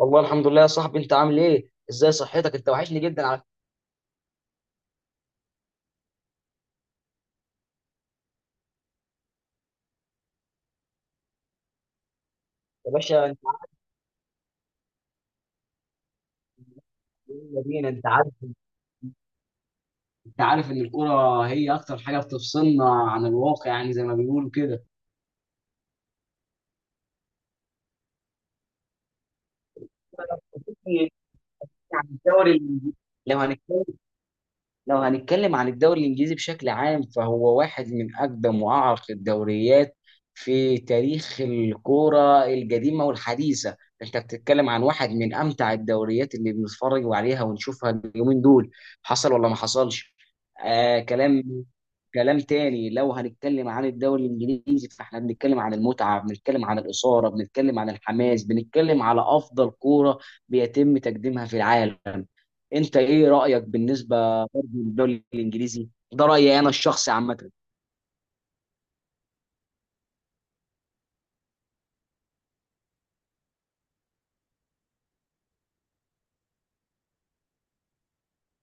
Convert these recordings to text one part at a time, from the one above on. والله الحمد لله يا صاحبي، انت عامل ايه؟ ازاي صحتك؟ انت وحشني جدا على فكرة. يا باشا، انت عارف ايه المدينه، انت عارف ان الكوره هي اكتر حاجه بتفصلنا عن الواقع، يعني زي ما بيقولوا كده. يعني الدوري، لو هنتكلم لو هنتكلم عن الدوري الإنجليزي بشكل عام فهو واحد من أقدم وأعرق الدوريات في تاريخ الكورة القديمة والحديثة. أنت بتتكلم عن واحد من أمتع الدوريات اللي بنتفرج عليها ونشوفها اليومين دول، حصل ولا ما حصلش. آه، كلام تاني. لو هنتكلم عن الدوري الانجليزي فاحنا بنتكلم عن المتعه، بنتكلم عن الاثاره، بنتكلم عن الحماس، بنتكلم على افضل كوره بيتم تقديمها في العالم. انت ايه رايك بالنسبه برضه للدوري الانجليزي ده؟ رايي انا الشخصي عامه،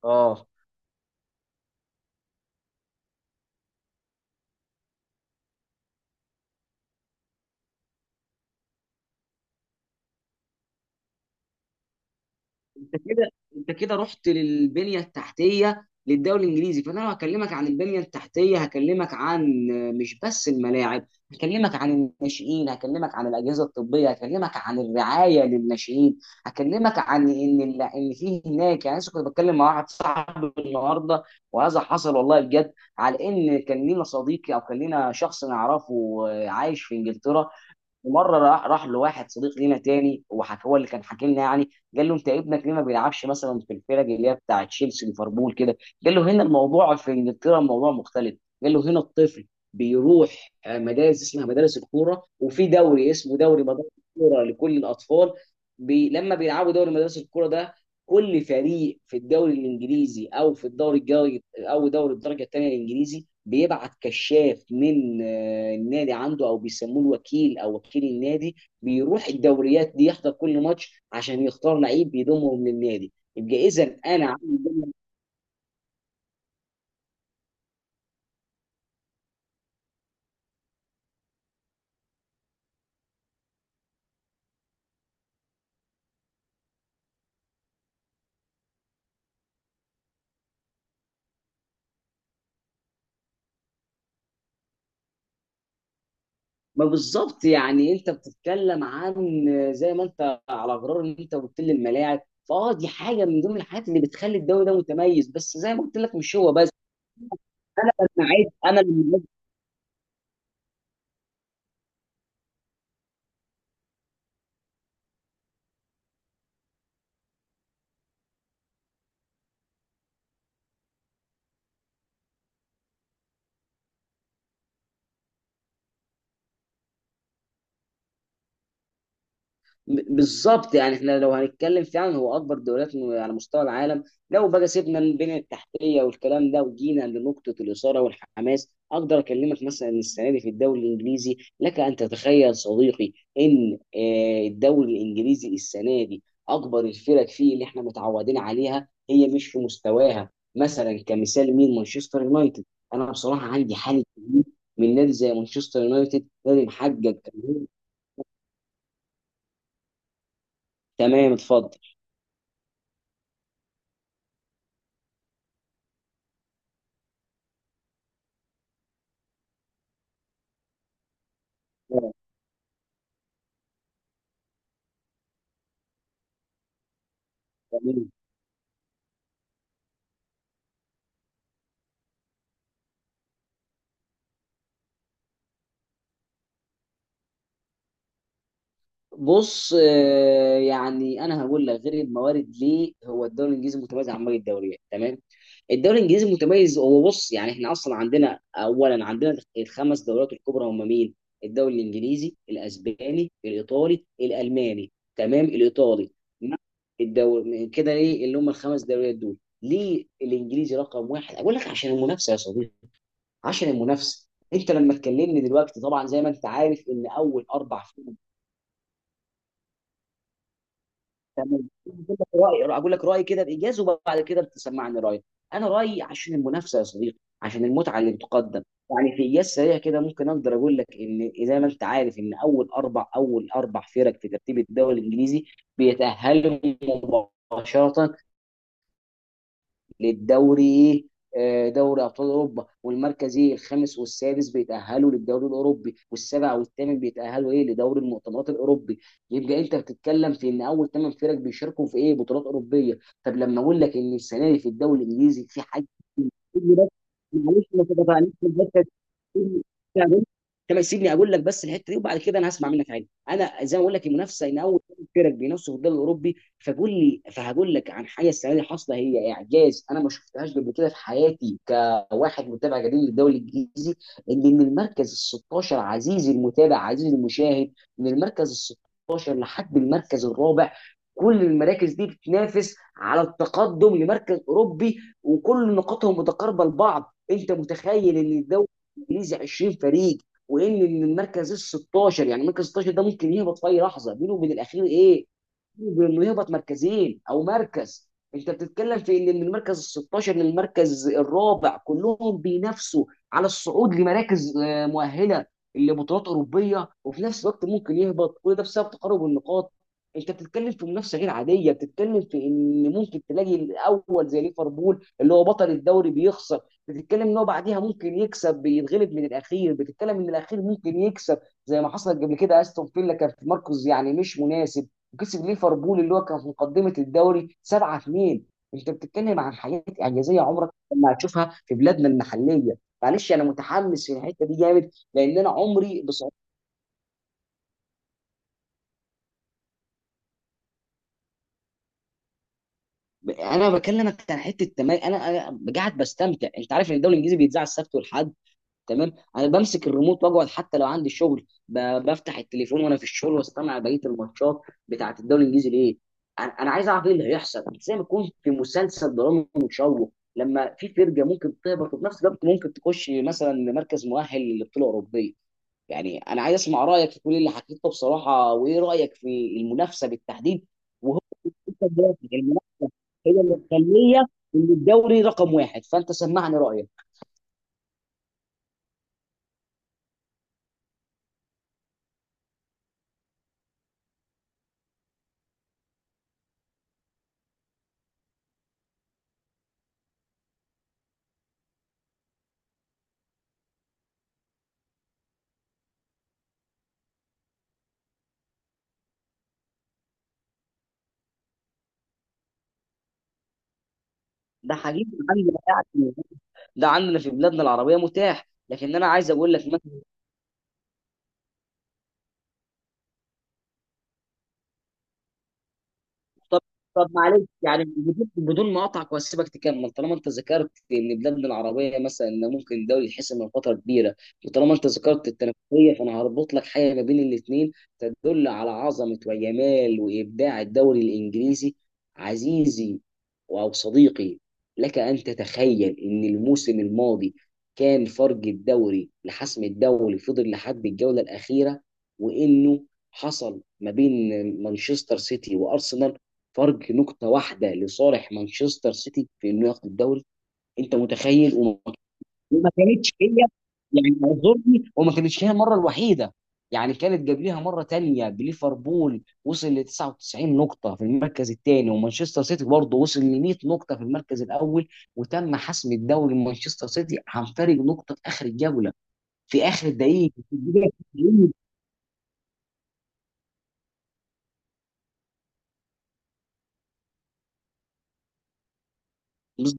اه، انت كده انت كده رحت للبنيه التحتيه للدوري الانجليزي، فانا لو هكلمك عن البنيه التحتيه هكلمك عن مش بس الملاعب، هكلمك عن الناشئين، هكلمك عن الاجهزه الطبيه، هكلمك عن الرعايه للناشئين، هكلمك عن ان ان في هناك، يعني أنا لسه كنت بتكلم مع واحد صاحبي النهارده وهذا حصل والله بجد، على ان كان لينا صديقي او كان لينا شخص نعرفه عايش في انجلترا، ومره راح لواحد صديق لينا تاني وحك، هو اللي كان حاكي لنا يعني. قال له انت ابنك ليه ما بيلعبش مثلا في الفرق اللي هي بتاع تشيلسي ليفربول كده؟ قال له هنا الموضوع في انجلترا الموضوع مختلف. قال له هنا الطفل بيروح مدارس اسمها مدارس الكوره، وفي دوري اسمه دوري مدارس الكوره لكل الاطفال. بي لما بيلعبوا دوري مدارس الكوره ده، كل فريق في الدوري الانجليزي او في الدوري الجاي او دوري الدرجه الثانيه الانجليزي بيبعت كشاف من النادي عنده، او بيسموه الوكيل او وكيل النادي، بيروح الدوريات دي يحضر كل ماتش عشان يختار لعيب يضمهم للنادي. يبقى اذا انا عامل ما بالظبط، يعني انت بتتكلم عن زي ما انت، على غرار ان انت قلت لي الملاعب، فاه دي حاجه من ضمن الحاجات اللي بتخلي الدوري ده متميز، بس زي ما قلت لك مش هو بس. انا لما اعد انا لما بالظبط، يعني احنا لو هنتكلم فعلا هو اكبر دوريات على مستوى العالم. لو بقى سيبنا من البنيه التحتيه والكلام ده وجينا لنقطه الاثاره والحماس، اقدر اكلمك مثلا ان السنه دي في الدوري الانجليزي، لك ان تتخيل صديقي ان الدوري الانجليزي السنه دي اكبر الفرق فيه اللي احنا متعودين عليها هي مش في مستواها. مثلا كمثال مين؟ مانشستر يونايتد. انا بصراحه عندي حاله تقليل من نادي زي مانشستر يونايتد، نادي محقق. تمام، اتفضل. بص، يعني انا هقول لك غير الموارد ليه هو الدوري الانجليزي متميز عن باقي الدوريات. تمام، الدوري الانجليزي متميز، هو بص يعني احنا اصلا عندنا، اولا عندنا الخمس دوريات الكبرى. هم مين؟ الدوري الانجليزي، الاسباني، الايطالي، الالماني، تمام، الايطالي. الدوري كده ليه اللي هم الخمس دوريات دول، ليه الانجليزي رقم واحد؟ اقول لك عشان المنافسه يا صديقي، عشان المنافسه. انت لما تكلمني دلوقتي طبعا زي ما انت عارف ان اول اربع، تمام. اقول لك رايي كده بايجاز وبعد كده بتسمعني رايك. انا رايي عشان المنافسه يا صديقي، عشان المتعه اللي بتقدم. يعني في ايجاز سريع كده، ممكن اقدر اقول لك ان زي ما انت عارف ان اول اربع فرق في ترتيب الدوري الانجليزي بيتاهلوا مباشره للدوري، دوري ابطال اوروبا، والمركزي الخامس والسادس بيتاهلوا للدوري الاوروبي، والسابع والثامن بيتاهلوا ايه؟ لدوري المؤتمرات الاوروبي. يبقى انت بتتكلم في ان اول ثمان فرق بيشاركوا في ايه؟ بطولات اوروبيه. طب لما اقول لك ان السنه دي في الدوري الانجليزي في حاجه كتير، بس معلش ما تقاطعنيش في الحته، كما سيبني اقول لك بس الحته دي وبعد كده انا هسمع منك عادي. انا زي ما اقول لك المنافسه، ان اول فرق بينافسوا في الدوري الاوروبي، فقول لي، فهقول لك عن حاجه السنه دي حاصله هي إيه. اعجاز انا ما شفتهاش قبل كده في حياتي كواحد متابع قديم للدوري الانجليزي، ان من المركز ال 16 عزيزي المتابع عزيزي المشاهد، من المركز ال 16 لحد المركز الرابع كل المراكز دي بتنافس على التقدم لمركز اوروبي وكل نقاطهم متقاربه لبعض. انت متخيل ان الدوري الانجليزي 20 فريق، وان المركز ال 16، يعني المركز 16 ده ممكن يهبط في اي لحظه؟ بينه وبين الاخير ايه؟ بينه وبين انه يهبط مركزين او مركز. انت بتتكلم في ان من المركز ال 16 للمركز الرابع كلهم بينافسوا على الصعود لمراكز مؤهله لبطولات اوروبيه، وفي نفس الوقت ممكن يهبط كل ده بسبب تقارب النقاط. انت بتتكلم في منافسه غير عاديه، بتتكلم في ان ممكن تلاقي الاول زي ليفربول اللي هو بطل الدوري بيخسر، بتتكلم ان هو بعديها ممكن يكسب بيتغلب من الاخير، بتتكلم ان الاخير ممكن يكسب. زي ما حصلت قبل كده استون فيلا كان في مركز يعني مش مناسب وكسب ليفربول اللي هو كان في مقدمه الدوري 7-2. انت بتتكلم عن حاجات اعجازيه عمرك ما هتشوفها في بلادنا المحليه. معلش انا متحمس في الحته دي جامد لان انا عمري بص. انا بكلمك عن حته، تمام. انا قاعد بستمتع. انت عارف ان الدوري الانجليزي بيتذاع السبت والحد، تمام. انا بمسك الريموت واقعد حتى لو عندي شغل، بفتح التليفون وانا في الشغل واستمع بقيه الماتشات بتاعه الدوري الانجليزي. ليه؟ أنا عايز اعرف ايه اللي هيحصل، زي ما يكون في مسلسل درامي مشوق، لما في فرقه ممكن تهبط وفي نفس الوقت ممكن تخش مثلا لمركز مؤهل للبطوله الاوروبيه. يعني انا عايز اسمع رايك في كل اللي حكيته بصراحه، وايه رايك في المنافسه بالتحديد؟ وهو المنافسه هي اللي مخليه ان الدوري رقم واحد، فانت سمعني رايك. ده حقيقي عندي، ده عندنا في بلادنا العربيه متاح، لكن انا عايز اقول لك. طب، طب معلش، يعني بدون ما اقطعك واسيبك تكمل، طالما انت ذكرت ان بلادنا العربيه مثلا إن ممكن الدوري يتحسم من فتره كبيره، وطالما انت ذكرت التنافسيه، فانا هربط لك حاجه ما بين الاثنين تدل على عظمه وجمال وابداع الدوري الانجليزي. عزيزي او صديقي، لك ان تتخيل ان الموسم الماضي كان فرق الدوري لحسم الدوري فضل لحد الجوله الاخيره، وانه حصل ما بين مانشستر سيتي وارسنال فرق نقطة واحدة لصالح مانشستر سيتي في انه ياخد الدوري. انت متخيل؟ وما كانتش هي يعني اعذرني، وما كانتش هي المرة الوحيدة، يعني كانت قبلها مرة تانية بليفربول وصل ل 99 نقطة في المركز الثاني ومانشستر سيتي برضه وصل ل 100 نقطة في المركز الأول، وتم حسم الدوري لمانشستر سيتي عن فرق نقطة في آخر الجولة، في آخر الدقيقة، في الدقيقة 90.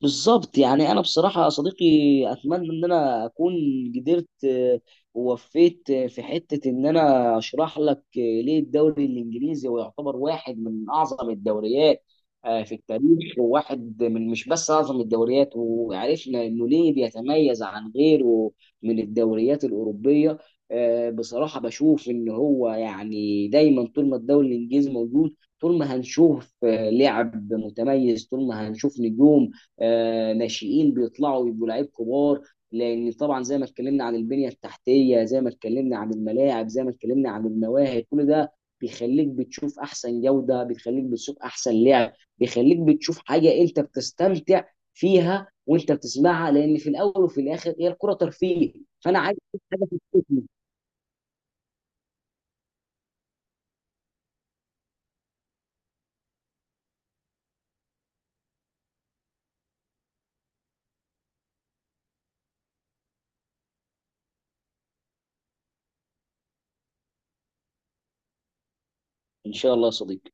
بالظبط، يعني انا بصراحه يا صديقي اتمنى ان انا اكون قدرت ووفيت في حته ان انا اشرح لك ليه الدوري الانجليزي هو يعتبر واحد من اعظم الدوريات في التاريخ، وواحد من مش بس اعظم الدوريات وعرفنا انه ليه بيتميز عن غيره من الدوريات الاوروبيه. بصراحه بشوف ان هو يعني دايما طول ما الدوري الانجليزي موجود، طول ما هنشوف لعب متميز، طول ما هنشوف نجوم ناشئين بيطلعوا يبقوا لعيب كبار، لان طبعا زي ما اتكلمنا عن البنيه التحتيه، زي ما اتكلمنا عن الملاعب، زي ما اتكلمنا عن المواهب، كل ده بيخليك بتشوف احسن جوده، بيخليك بتشوف احسن لعب، بيخليك بتشوف حاجه انت بتستمتع فيها وانت بتسمعها، لان في الاول وفي الاخر هي الكره ترفيه. فانا عايز أشوف حاجه في التكنيك. ان شاء الله يا صديقي.